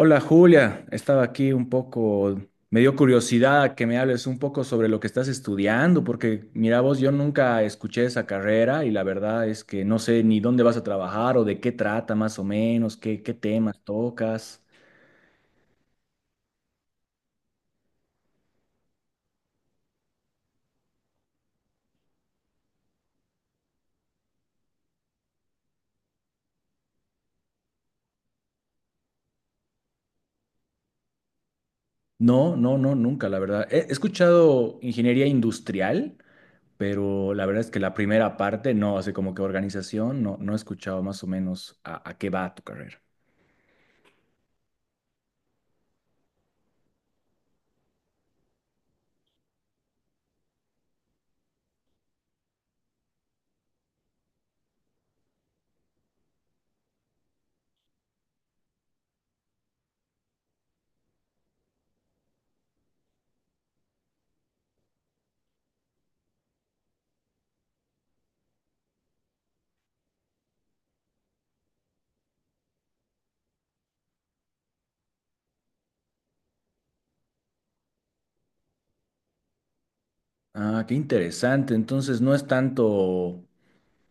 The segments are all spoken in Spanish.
Hola Julia, estaba aquí un poco, me dio curiosidad que me hables un poco sobre lo que estás estudiando, porque mira vos, yo nunca escuché esa carrera y la verdad es que no sé ni dónde vas a trabajar o de qué trata más o menos, qué temas tocas. No, nunca, la verdad. He escuchado ingeniería industrial, pero la verdad es que la primera parte, no, así como que organización, no, no he escuchado más o menos a qué va tu carrera. Ah, qué interesante. Entonces no es tanto.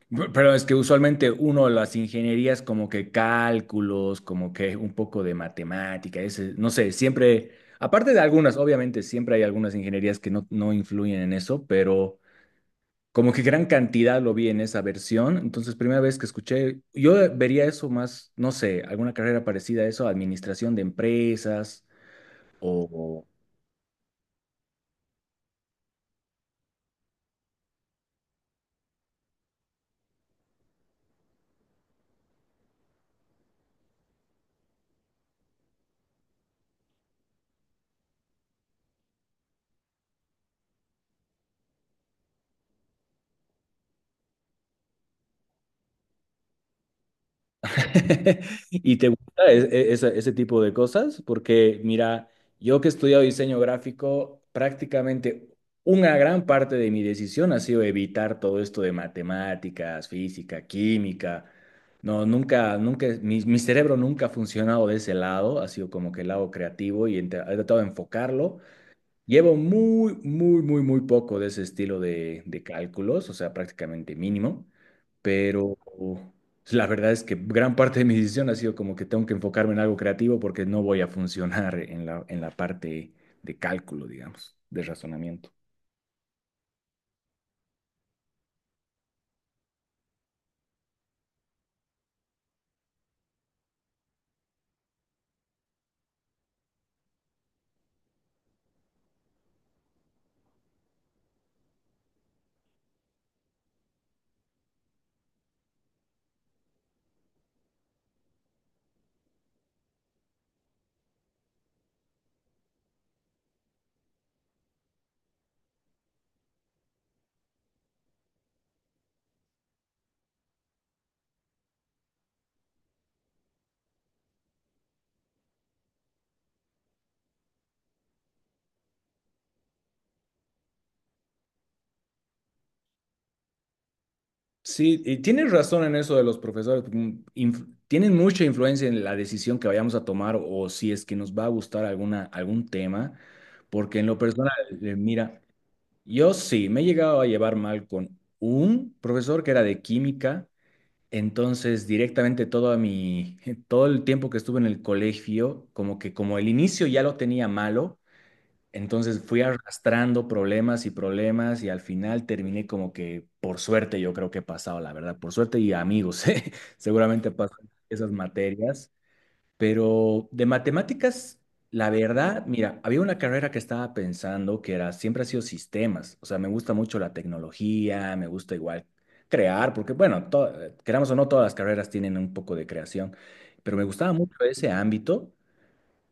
Pero es que usualmente uno las ingenierías como que cálculos, como que un poco de matemática, ese, no sé, siempre, aparte de algunas, obviamente siempre hay algunas ingenierías que no, no influyen en eso, pero como que gran cantidad lo vi en esa versión, entonces primera vez que escuché, yo vería eso más, no sé, alguna carrera parecida a eso, administración de empresas o ¿Y te gusta ese tipo de cosas? Porque mira, yo que he estudiado diseño gráfico, prácticamente una gran parte de mi decisión ha sido evitar todo esto de matemáticas, física, química. No, nunca, nunca, mi cerebro nunca ha funcionado de ese lado, ha sido como que el lado creativo y he tratado de enfocarlo. Llevo muy, muy, muy, muy poco de ese estilo de cálculos, o sea, prácticamente mínimo, pero la verdad es que gran parte de mi decisión ha sido como que tengo que enfocarme en algo creativo porque no voy a funcionar en la parte de cálculo, digamos, de razonamiento. Sí, y tienes razón en eso de los profesores, porque, tienen mucha influencia en la decisión que vayamos a tomar o si es que nos va a gustar alguna, algún tema, porque en lo personal, mira. Yo sí, me he llegado a llevar mal con un profesor que era de química, entonces directamente todo mi, todo el tiempo que estuve en el colegio, como que como el inicio ya lo tenía malo, entonces fui arrastrando problemas y problemas y al final terminé como que por suerte yo creo que he pasado, la verdad, por suerte y amigos, ¿eh? Seguramente pasan esas materias. Pero de matemáticas, la verdad, mira, había una carrera que estaba pensando que era, siempre ha sido sistemas. O sea, me gusta mucho la tecnología, me gusta igual crear, porque bueno, queramos o no, todas las carreras tienen un poco de creación, pero me gustaba mucho ese ámbito,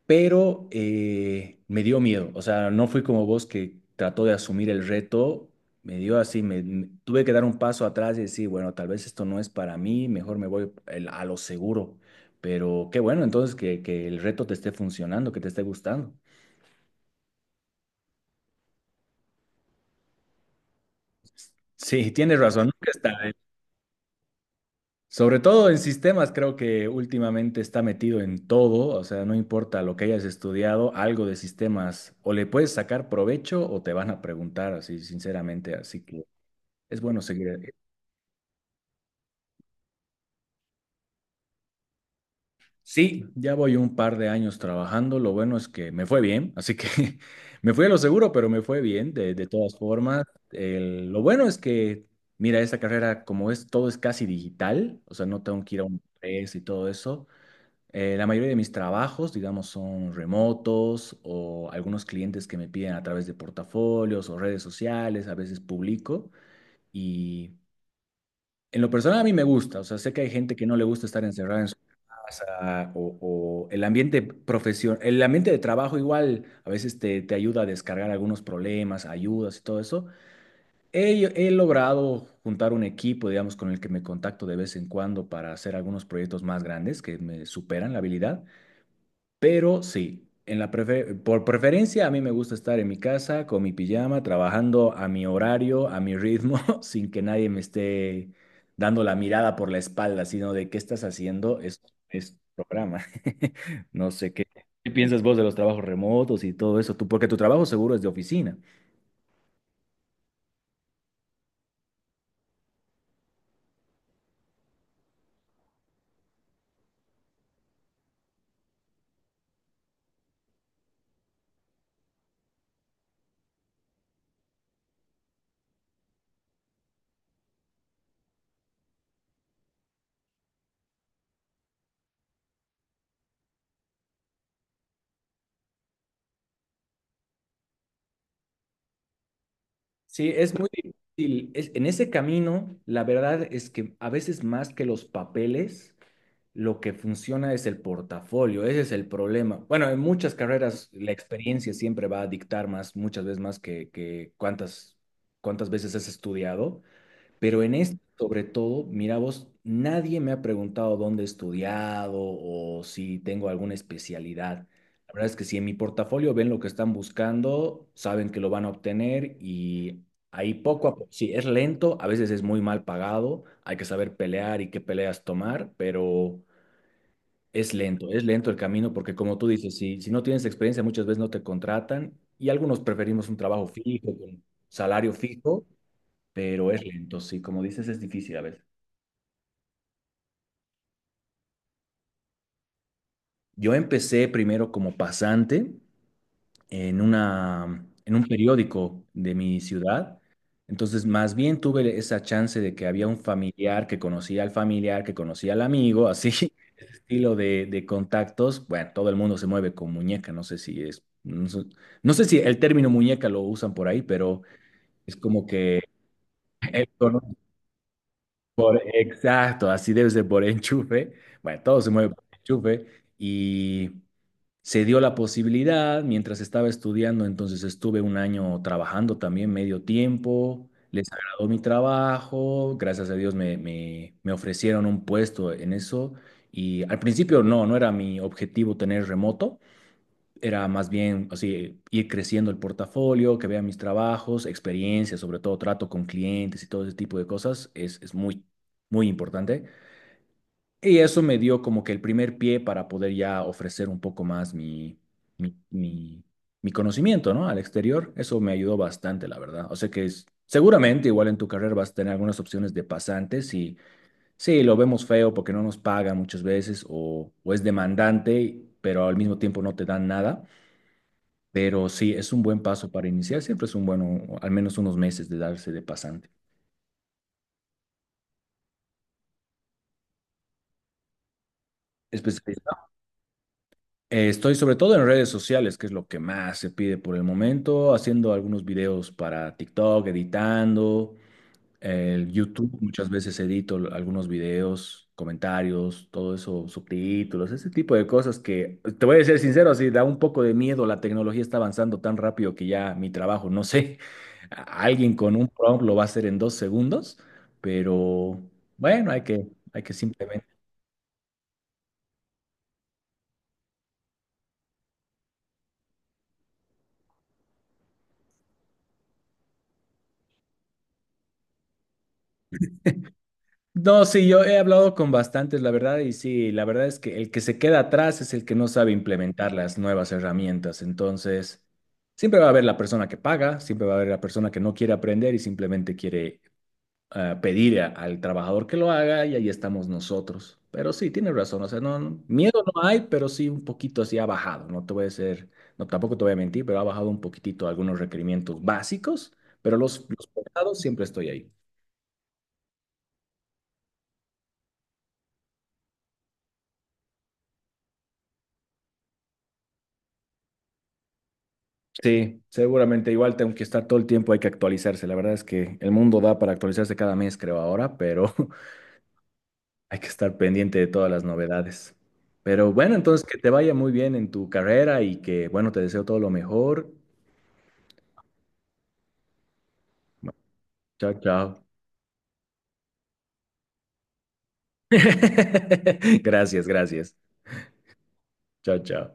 pero me dio miedo. O sea, no fui como vos que trató de asumir el reto. Me dio así, tuve que dar un paso atrás y decir, bueno, tal vez esto no es para mí, mejor me voy a lo seguro. Pero qué bueno, entonces que el reto te esté funcionando, que te esté gustando. Sí, tienes razón, nunca está. Tarde. Sobre todo en sistemas, creo que últimamente está metido en todo, o sea, no importa lo que hayas estudiado, algo de sistemas, o le puedes sacar provecho o te van a preguntar, así, sinceramente, así que... Es bueno seguir. Sí, ya voy un par de años trabajando. Lo bueno es que me fue bien, así que me fui a lo seguro, pero me fue bien de todas formas. Lo bueno es que, mira, esta carrera, como es todo es casi digital, o sea, no tengo que ir a un empresa y todo eso. Eh, la mayoría de mis trabajos, digamos, son remotos o algunos clientes que me piden a través de portafolios o redes sociales, a veces publico. Y en lo personal a mí me gusta, o sea, sé que hay gente que no le gusta estar encerrada en su pasa, o el ambiente profesión, el ambiente de trabajo igual a veces te, te ayuda a descargar algunos problemas, ayudas y todo eso. He logrado juntar un equipo, digamos, con el que me contacto de vez en cuando para hacer algunos proyectos más grandes que me superan la habilidad. Pero sí, en la por preferencia a mí me gusta estar en mi casa con mi pijama, trabajando a mi horario, a mi ritmo, sin que nadie me esté dando la mirada por la espalda, sino de qué estás haciendo, es programa. No sé qué, qué piensas vos de los trabajos remotos y todo eso, tú, porque tu trabajo seguro es de oficina. Sí, es muy difícil. En ese camino, la verdad es que a veces más que los papeles. Lo que funciona es el portafolio, ese es el problema. Bueno, en muchas carreras la experiencia siempre va a dictar más, muchas veces más que, cuántas veces has estudiado, pero en este, sobre todo, mira vos, nadie me ha preguntado dónde he estudiado o si tengo alguna especialidad. La verdad es que si en mi portafolio ven lo que están buscando, saben que lo van a obtener y ahí poco a poco, sí, es lento, a veces es muy mal pagado, hay que saber pelear y qué peleas tomar, pero... es lento el camino porque como tú dices, si no tienes experiencia muchas veces no te contratan y algunos preferimos un trabajo fijo, con salario fijo, pero es lento, sí, como dices es difícil a veces. Yo empecé primero como pasante en un periódico de mi ciudad. Entonces, más bien tuve esa chance de que había un familiar que conocía al familiar, que conocía al amigo, así, ese estilo de contactos. Bueno, todo el mundo se mueve con muñeca, no sé si es, no sé, no sé si el término muñeca lo usan por ahí, pero es como que él conoce- exacto, así debe ser por enchufe. Bueno, todo se mueve por enchufe y... Se dio la posibilidad, mientras estaba estudiando, entonces estuve un año trabajando también medio tiempo, les agradó mi trabajo, gracias a Dios me ofrecieron un puesto en eso y al principio no, no era mi objetivo tener remoto, era más bien así, ir creciendo el portafolio, que vean mis trabajos, experiencias, sobre todo trato con clientes y todo ese tipo de cosas, es muy, muy importante. Y eso me dio como que el primer pie para poder ya ofrecer un poco más mi, mi- mi conocimiento, ¿no? Al exterior. Eso me ayudó bastante, la verdad. O sea que seguramente igual en tu carrera vas a tener algunas opciones de pasantes y sí, lo vemos feo porque no nos pagan muchas veces o es demandante, pero al mismo tiempo no te dan nada. Pero sí, es un buen paso para iniciar. Siempre es un bueno, al menos unos meses de darse de pasante. Estoy sobre todo en redes sociales, que es lo que más se pide por el momento, haciendo algunos videos para TikTok, editando, el YouTube, muchas veces edito algunos videos, comentarios, todo eso, subtítulos, ese tipo de cosas que, te voy a ser sincero, sí da un poco de miedo, la tecnología está avanzando tan rápido que ya mi trabajo, no sé, alguien con un prompt lo va a hacer en 2 segundos, pero bueno, hay que simplemente... No, sí, yo he hablado con bastantes, la verdad, y sí, la verdad es que el que se queda atrás es el que no sabe implementar las nuevas herramientas. Entonces, siempre va a haber la persona que paga, siempre va a haber la persona que no quiere aprender y simplemente quiere, ah, pedir al trabajador que lo haga y ahí estamos nosotros. Pero sí, tienes razón, o sea, miedo no hay, pero sí un poquito así ha bajado, no te voy a decir, no, tampoco te voy a mentir, pero ha bajado un poquitito algunos requerimientos básicos, pero los pesados siempre estoy ahí. Sí, seguramente igual tengo que estar todo el tiempo, hay que actualizarse. La verdad es que el mundo da para actualizarse cada mes, creo ahora, pero hay que estar pendiente de todas las novedades. Pero bueno, entonces que te vaya muy bien en tu carrera y que, bueno, te deseo todo lo mejor. Chao, chao. Gracias, gracias. Chao, chao.